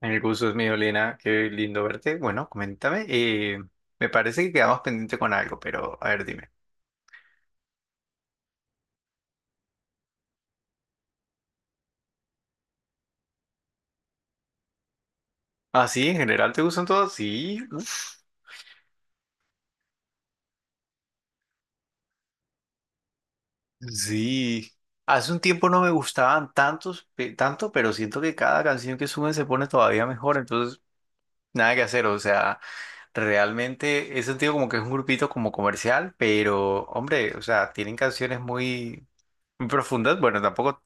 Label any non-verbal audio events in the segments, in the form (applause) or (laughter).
El gusto es mío, Elena. Qué lindo verte. Bueno, coméntame. Me parece que quedamos pendiente con algo, pero a ver, dime. ¿Ah, sí? ¿En general te gustan todos? Sí. Sí. Hace un tiempo no me gustaban tantos, tanto, pero siento que cada canción que suben se pone todavía mejor. Entonces, nada que hacer. O sea, realmente he sentido como que es un grupito como comercial, pero, hombre, o sea, tienen canciones muy, muy profundas. Bueno, tampoco,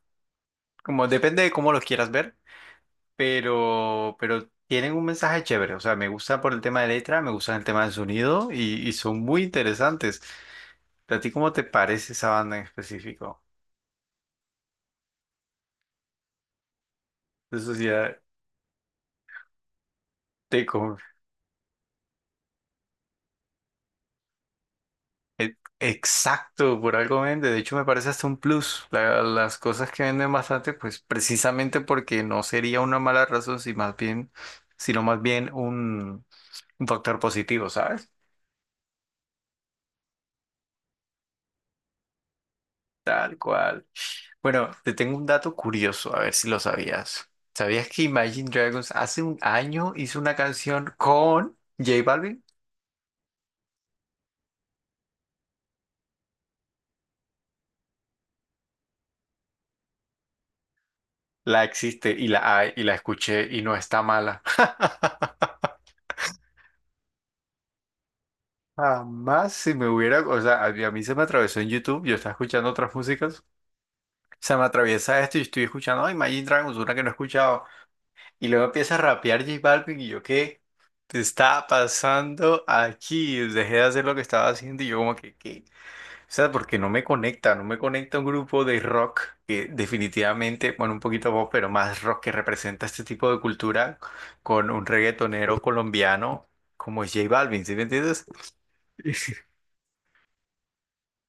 como depende de cómo los quieras ver. Pero tienen un mensaje chévere. O sea, me gusta por el tema de letra, me gusta el tema del sonido y son muy interesantes. ¿A ti cómo te parece esa banda en específico? De Sociedad de Exacto, por algo vende. De hecho, me parece hasta un plus. Las cosas que venden bastante, pues precisamente porque no sería una mala razón, si más bien, sino más bien un factor positivo, ¿sabes? Tal cual. Bueno, te tengo un dato curioso, a ver si lo sabías. ¿Sabías que Imagine Dragons hace un año hizo una canción con J Balvin? La existe y la hay y la escuché y no está mala. (laughs) Jamás si me hubiera, o sea, a mí se me atravesó en YouTube, yo estaba escuchando otras músicas, se me atraviesa esto y estoy escuchando, ay, Imagine Dragons, una que no he escuchado, y luego empieza a rapear J Balvin y yo, ¿qué? ¿Te está pasando aquí? Dejé de hacer lo que estaba haciendo y yo como que, ¿qué? O sea, porque no me conecta un grupo de rock que definitivamente, bueno, un poquito pop, pero más rock que representa este tipo de cultura con un reggaetonero colombiano como es J Balvin, ¿sí me entiendes? (laughs)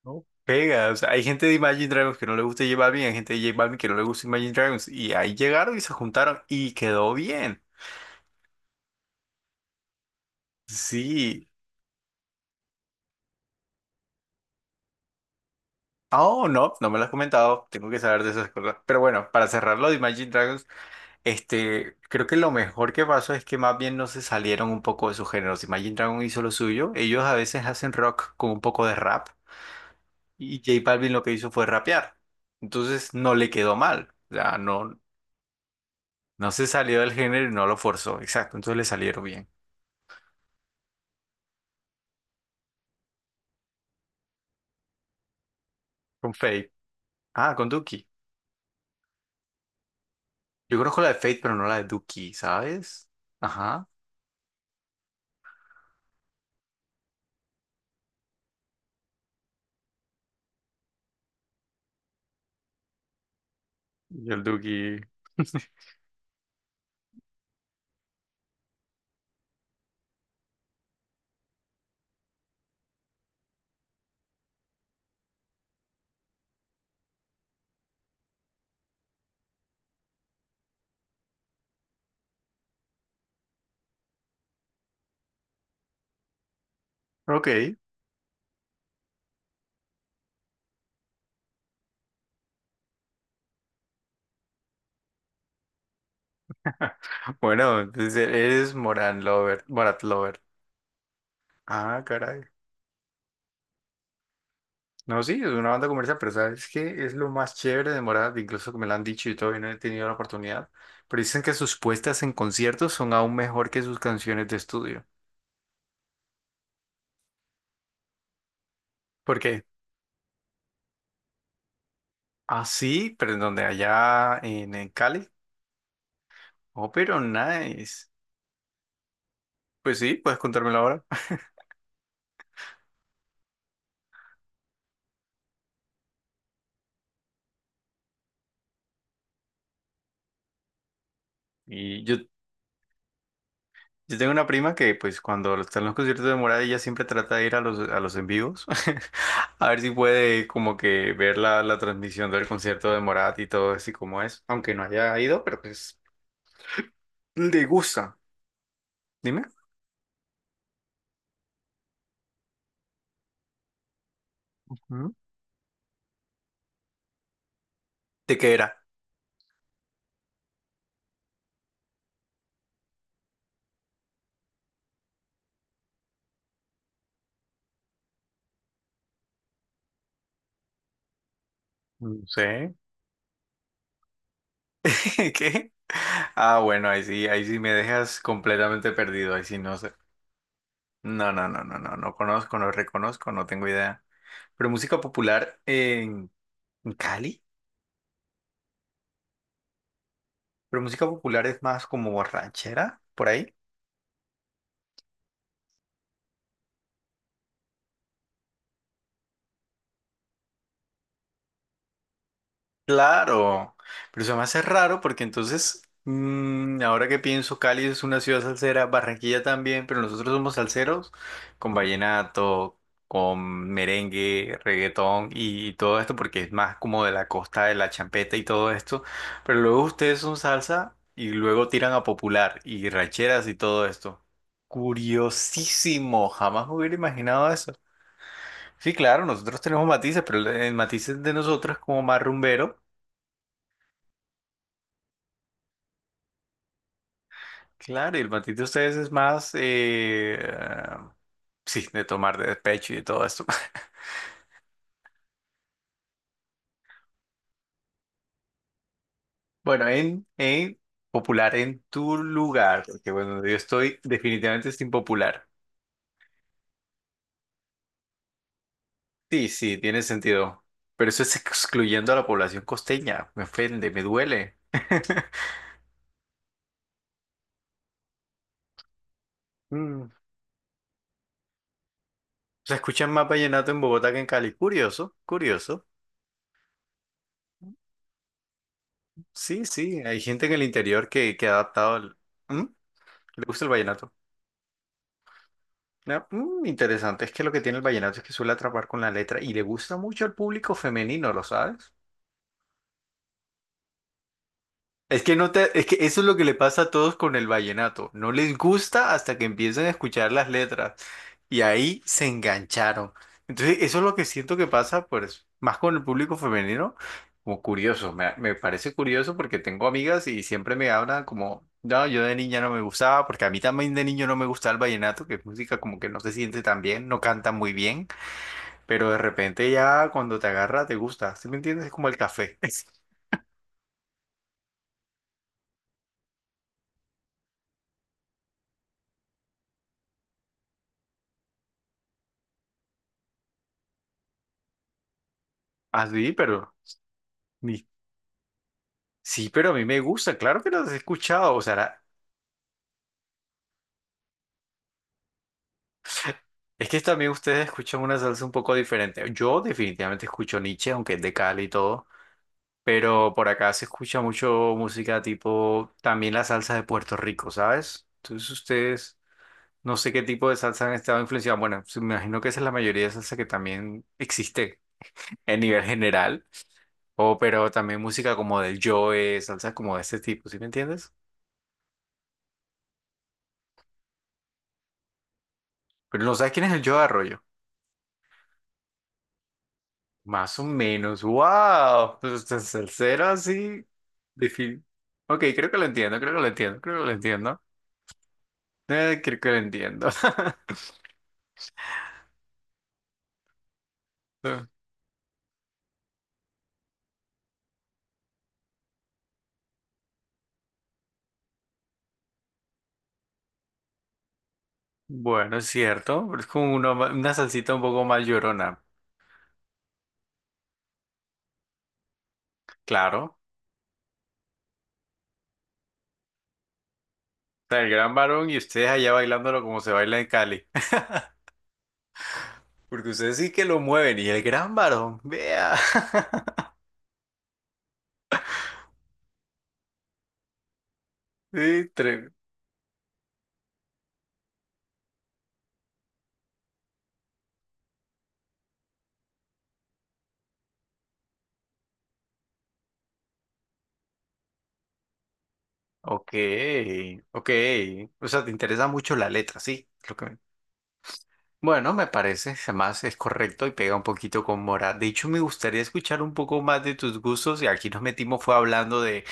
¿No? Pega, o sea, hay gente de Imagine Dragons que no le gusta J Balvin, hay gente de J Balvin que no le gusta Imagine Dragons, y ahí llegaron y se juntaron y quedó bien. Sí. Oh, no, no me lo has comentado, tengo que saber de esas cosas. Pero bueno, para cerrar lo de Imagine Dragons. Este, creo que lo mejor que pasó es que más bien no se salieron un poco de sus géneros. Si Imagine Dragon hizo lo suyo, ellos a veces hacen rock con un poco de rap y J Balvin lo que hizo fue rapear. Entonces no le quedó mal. O sea, no, no se salió del género y no lo forzó. Exacto, entonces le salieron bien. Con Fate. Ah, con Duki. Yo conozco la de Fate, pero no la de Duki, ¿sabes? Ajá. Y el Duki. (laughs) Ok. (laughs) Bueno, entonces eres Moran Lover, Morat Lover. Ah, caray. No, sí, es una banda comercial, pero sabes que es lo más chévere de Morat, incluso que me lo han dicho y todavía no he tenido la oportunidad. Pero dicen que sus puestas en conciertos son aún mejor que sus canciones de estudio. ¿Por qué? Ah, sí, pero en donde allá en Cali. Oh, pero nice. Pues sí, puedes contármelo ahora. (laughs) Y yo. Yo tengo una prima que, pues, cuando están los conciertos de Morat, ella siempre trata de ir a los en vivos. (laughs) A ver si puede, como que, ver la, la transmisión del concierto de Morat y todo así como es. Aunque no haya ido, pero pues, le gusta. Dime. Ujú. ¿De qué era? No sé. (laughs) ¿Qué? Ah, bueno, ahí sí me dejas completamente perdido. Ahí sí no sé. No, no, no, no, no, no conozco, no reconozco, no tengo idea. Pero música popular en Cali. Pero música popular es más como ranchera, por ahí. Claro, pero se me hace raro porque entonces, mm, ahora que pienso, Cali es una ciudad salsera, Barranquilla también, pero nosotros somos salseros con vallenato, con merengue, reggaetón y todo esto porque es más como de la costa de la champeta y todo esto. Pero luego ustedes son salsa y luego tiran a popular y rancheras y todo esto. Curiosísimo, jamás me hubiera imaginado eso. Sí, claro, nosotros tenemos matices, pero el matiz de nosotros es como más rumbero. Claro, y el matiz de ustedes es más, sí, de tomar de despecho y de todo esto. (laughs) Bueno, en popular en tu lugar, porque bueno, yo estoy definitivamente es impopular. Sí, sí, tiene sentido. Pero eso es excluyendo a la población costeña. Me ofende, me duele. (laughs) Mm. Se escuchan más vallenato en Bogotá que en Cali. Curioso, curioso. Sí, sí, hay gente en el interior que ha adaptado el... ¿Mm? ¿Le gusta el vallenato? Ah, mm, interesante, es que lo que tiene el vallenato es que suele atrapar con la letra y le gusta mucho al público femenino, ¿lo sabes? Es que no te, es que eso es lo que le pasa a todos con el vallenato, no les gusta hasta que empiezan a escuchar las letras. Y ahí se engancharon. Entonces, eso es lo que siento que pasa, pues, más con el público femenino, como curioso. Me parece curioso porque tengo amigas y siempre me hablan como, no, yo de niña no me gustaba, porque a mí también de niño no me gustaba el vallenato, que es música como que no se siente tan bien, no canta muy bien, pero de repente ya cuando te agarra te gusta. ¿Sí me entiendes? Es como el café. (laughs) Así, pero... ni- sí, pero a mí me gusta, claro que los he escuchado, o sea. Es que también ustedes escuchan una salsa un poco diferente. Yo definitivamente escucho Nietzsche, aunque es de Cali y todo, pero por acá se escucha mucho música tipo también la salsa de Puerto Rico, ¿sabes? Entonces ustedes no sé qué tipo de salsa han estado influenciados. Bueno, sí, me imagino que esa es la mayoría de salsa que también existe en nivel general, o pero también música como del Joe, salsa como de ese tipo, ¿sí me entiendes? Pero no sabes quién es el Joe Arroyo. Más o menos, wow, pues usted es salsero así, difícil. Ok, creo que lo entiendo. Creo que lo entiendo. (laughs) Bueno, es cierto, pero es como una salsita un poco más llorona, claro. O sea, el gran varón y ustedes allá bailándolo como se baila en Cali. (laughs) Porque ustedes sí que lo mueven y el gran varón, vea. (laughs) Sí, tre- Ok, ok. O sea, te interesa mucho la letra, sí, es lo que me. Bueno, me parece, además es correcto y pega un poquito con Mora. De hecho, me gustaría escuchar un poco más de tus gustos y aquí nos metimos fue hablando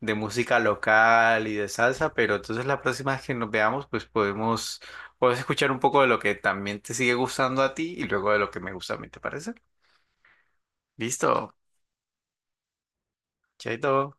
de música local y de salsa, pero entonces la próxima vez que nos veamos, pues podemos, podemos escuchar un poco de lo que también te sigue gustando a ti y luego de lo que me gusta a mí, ¿te parece? Listo, chaito.